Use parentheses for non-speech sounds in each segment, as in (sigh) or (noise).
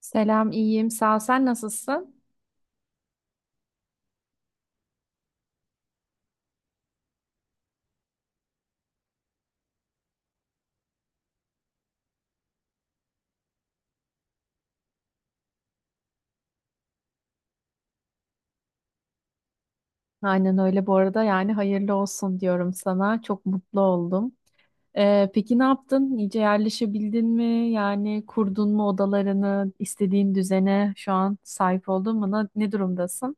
Selam, iyiyim. Sağ ol. Sen nasılsın? Aynen öyle bu arada. Yani hayırlı olsun diyorum sana. Çok mutlu oldum. Peki ne yaptın? İyice yerleşebildin mi? Yani kurdun mu odalarını, istediğin düzene şu an sahip oldun mu? Ne durumdasın?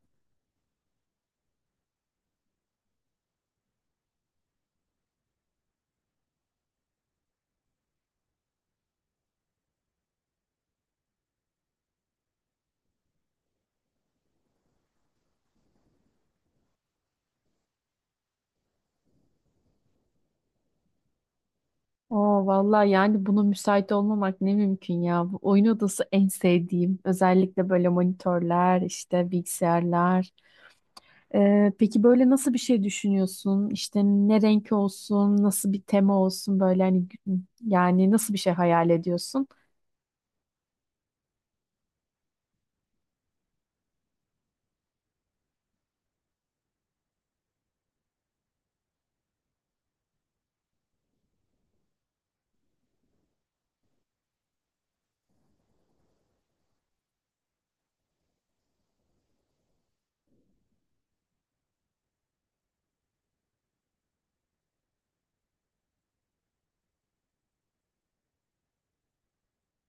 Oo vallahi yani buna müsait olmamak ne mümkün ya. Bu oyun odası en sevdiğim. Özellikle böyle monitörler, işte bilgisayarlar. Peki böyle nasıl bir şey düşünüyorsun? İşte ne renk olsun, nasıl bir tema olsun böyle hani gü- yani nasıl bir şey hayal ediyorsun?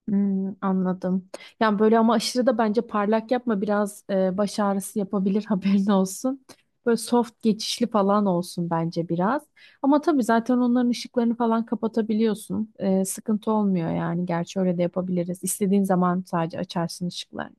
Hmm, anladım. Yani böyle ama aşırı da bence parlak yapma biraz baş ağrısı yapabilir (laughs) haberin olsun. Böyle soft geçişli falan olsun bence biraz. Ama tabii zaten onların ışıklarını falan kapatabiliyorsun. Sıkıntı olmuyor yani. Gerçi öyle de yapabiliriz. İstediğin zaman sadece açarsın ışıkları.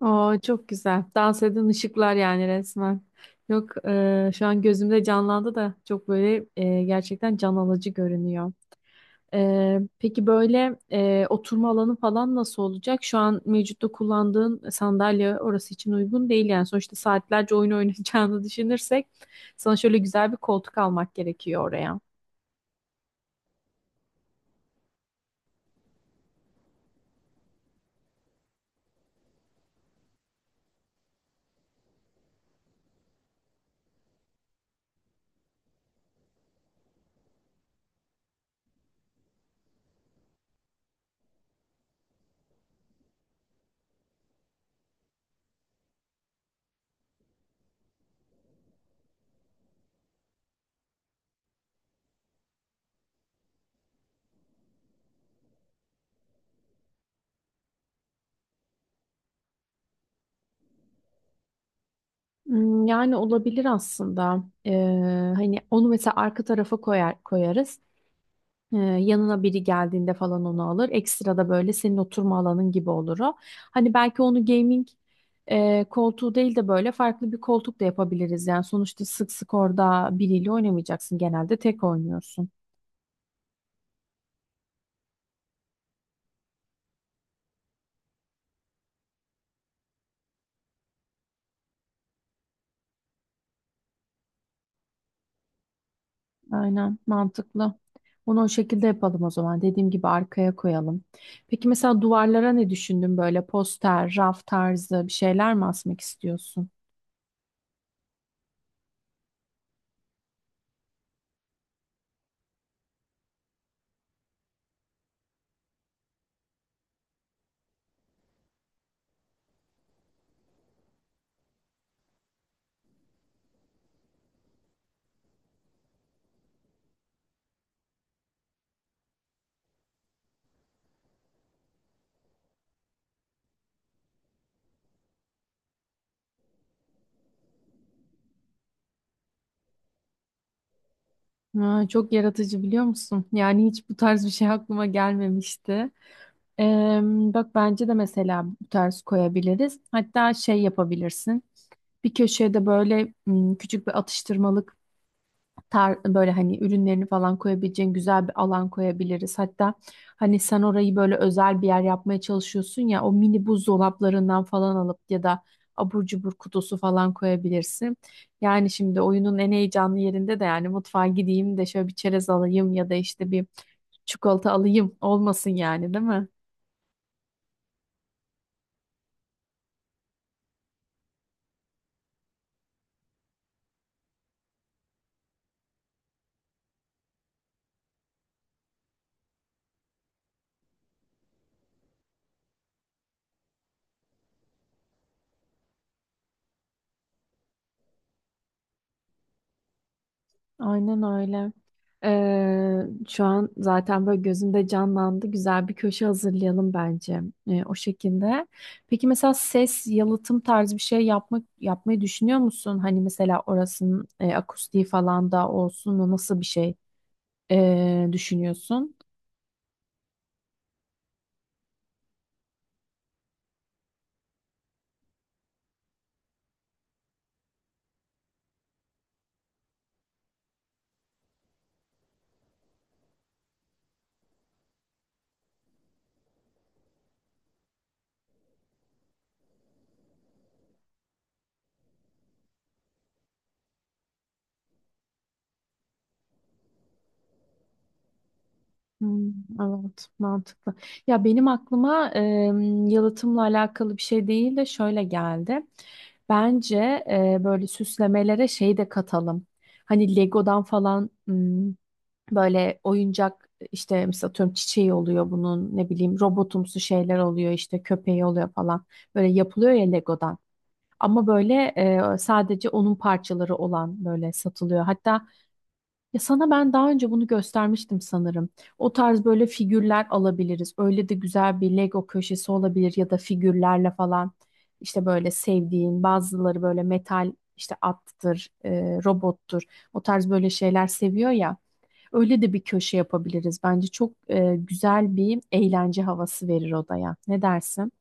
Oo, çok güzel. Dans eden ışıklar yani resmen. Yok şu an gözümde canlandı da çok böyle gerçekten can alıcı görünüyor. Peki böyle oturma alanı falan nasıl olacak? Şu an mevcutta kullandığın sandalye orası için uygun değil yani. Sonuçta saatlerce oyun (laughs) oynayacağını düşünürsek sana şöyle güzel bir koltuk almak gerekiyor oraya. Hmm, yani olabilir aslında. Hani onu mesela arka tarafa koyarız. Yanına biri geldiğinde falan onu alır. Ekstra da böyle senin oturma alanın gibi olur o. Hani belki onu gaming koltuğu değil de böyle farklı bir koltuk da yapabiliriz. Yani sonuçta sık sık orada biriyle oynamayacaksın. Genelde tek oynuyorsun. Aynen mantıklı. Onu o şekilde yapalım o zaman. Dediğim gibi arkaya koyalım. Peki mesela duvarlara ne düşündün? Böyle poster, raf tarzı bir şeyler mi asmak istiyorsun? Ha, çok yaratıcı biliyor musun? Yani hiç bu tarz bir şey aklıma gelmemişti. Eee, Bak bence de mesela bu tarz koyabiliriz. Hatta şey yapabilirsin. Bir köşeye de böyle küçük bir atıştırmalık böyle hani ürünlerini falan koyabileceğin güzel bir alan koyabiliriz. Hatta hani sen orayı böyle özel bir yer yapmaya çalışıyorsun ya o mini buzdolaplarından falan alıp ya da abur cubur kutusu falan koyabilirsin. Yani şimdi oyunun en heyecanlı yerinde de yani mutfağa gideyim de şöyle bir çerez alayım ya da işte bir çikolata alayım olmasın yani değil mi? Aynen öyle. Şu an zaten böyle gözümde canlandı. Güzel bir köşe hazırlayalım bence o şekilde. Peki mesela ses yalıtım tarzı bir şey yapmayı düşünüyor musun? Hani mesela orasının akustiği falan da olsun. Nasıl bir şey düşünüyorsun? Hmm, evet, mantıklı. Ya benim aklıma yalıtımla alakalı bir şey değil de şöyle geldi. Bence böyle süslemelere şey de katalım. Hani Lego'dan falan hmm, böyle oyuncak işte mesela atıyorum çiçeği oluyor bunun ne bileyim robotumsu şeyler oluyor işte köpeği oluyor falan. Böyle yapılıyor ya Lego'dan. Ama böyle sadece onun parçaları olan böyle satılıyor. Hatta ya sana ben daha önce bunu göstermiştim sanırım. O tarz böyle figürler alabiliriz. Öyle de güzel bir Lego köşesi olabilir ya da figürlerle falan. İşte böyle sevdiğin bazıları böyle metal işte attır, robottur. O tarz böyle şeyler seviyor ya. Öyle de bir köşe yapabiliriz. Bence çok güzel bir eğlence havası verir odaya. Ne dersin?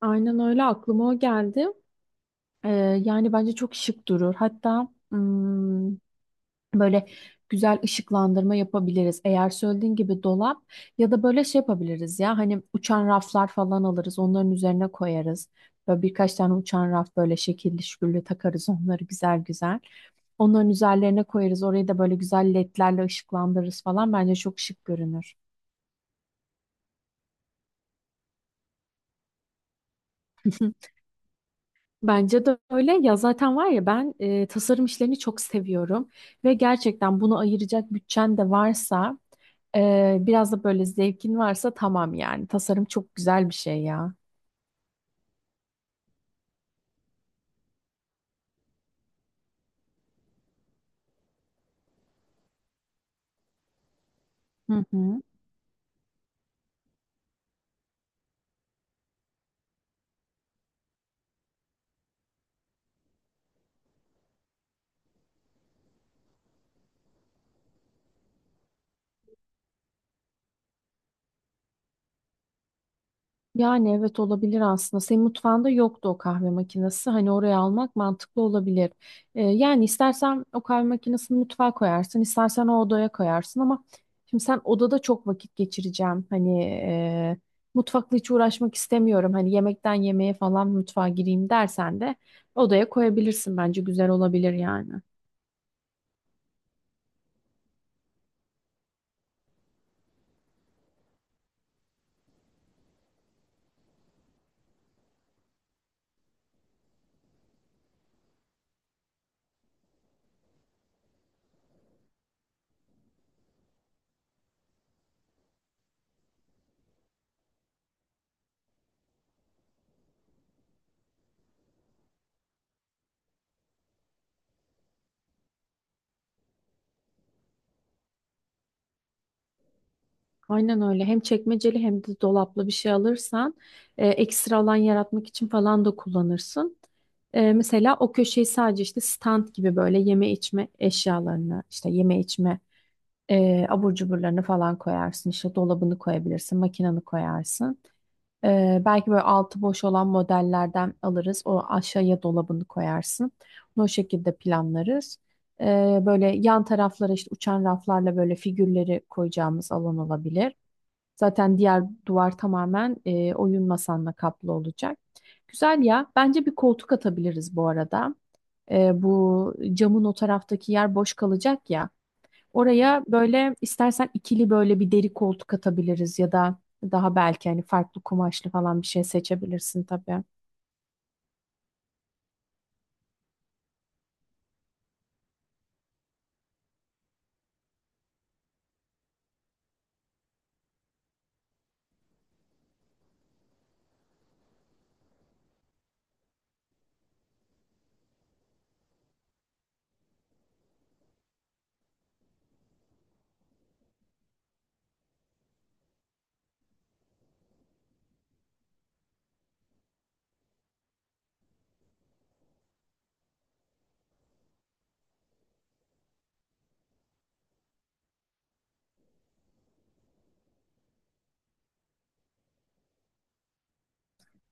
Aynen öyle aklıma o geldi. Ee, Yani bence çok şık durur. Hatta böyle güzel ışıklandırma yapabiliriz. Eğer söylediğin gibi dolap ya da böyle şey yapabiliriz ya hani uçan raflar falan alırız onların üzerine koyarız. Böyle birkaç tane uçan raf böyle şekilli şükürlü takarız onları güzel güzel. Onların üzerlerine koyarız. Orayı da böyle güzel ledlerle ışıklandırırız falan. Bence çok şık görünür. (laughs) Bence de öyle. Ya zaten var ya ben tasarım işlerini çok seviyorum ve gerçekten bunu ayıracak bütçen de varsa biraz da böyle zevkin varsa tamam yani. Tasarım çok güzel bir şey ya. Hı hı. Yani evet olabilir aslında. Senin mutfağında yoktu o kahve makinesi. Hani oraya almak mantıklı olabilir. Yani istersen o kahve makinesini mutfağa koyarsın, istersen o odaya koyarsın ama şimdi sen odada çok vakit geçireceğim. Hani mutfakla hiç uğraşmak istemiyorum. Hani yemekten yemeğe falan mutfağa gireyim dersen de odaya koyabilirsin. Bence güzel olabilir yani. Aynen öyle. Hem çekmeceli hem de dolaplı bir şey alırsan ekstra alan yaratmak için falan da kullanırsın. Mesela o köşeyi sadece işte stand gibi böyle yeme içme eşyalarını, işte yeme içme abur cuburlarını falan koyarsın. İşte dolabını koyabilirsin, makinanı koyarsın. Belki böyle altı boş olan modellerden alırız. O aşağıya dolabını koyarsın. Bunu o şekilde planlarız. E, Böyle yan taraflara işte uçan raflarla böyle figürleri koyacağımız alan olabilir. Zaten diğer duvar tamamen oyun masanla kaplı olacak. Güzel ya. Bence bir koltuk atabiliriz bu arada. Bu camın o taraftaki yer boş kalacak ya. Oraya böyle istersen ikili böyle bir deri koltuk atabiliriz ya da daha belki hani farklı kumaşlı falan bir şey seçebilirsin tabii.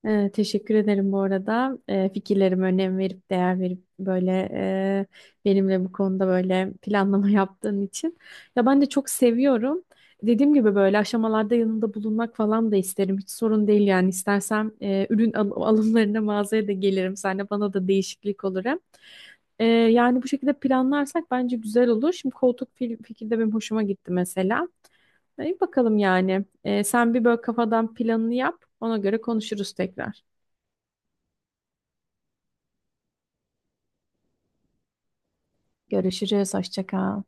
Teşekkür ederim bu arada. Fikirlerime önem verip değer verip böyle e, benimle bu konuda böyle planlama (laughs) yaptığın için. Ya ben de çok seviyorum. Dediğim gibi böyle aşamalarda yanında bulunmak falan da isterim. Hiç sorun değil yani. İstersem ürün alımlarına mağazaya da gelirim. Sen de bana da değişiklik olur hem. Yani bu şekilde planlarsak bence güzel olur. Şimdi koltuk fikri de benim hoşuma gitti mesela. İyi bakalım yani. Sen bir böyle kafadan planını yap. Ona göre konuşuruz tekrar. Görüşürüz. Hoşça kal.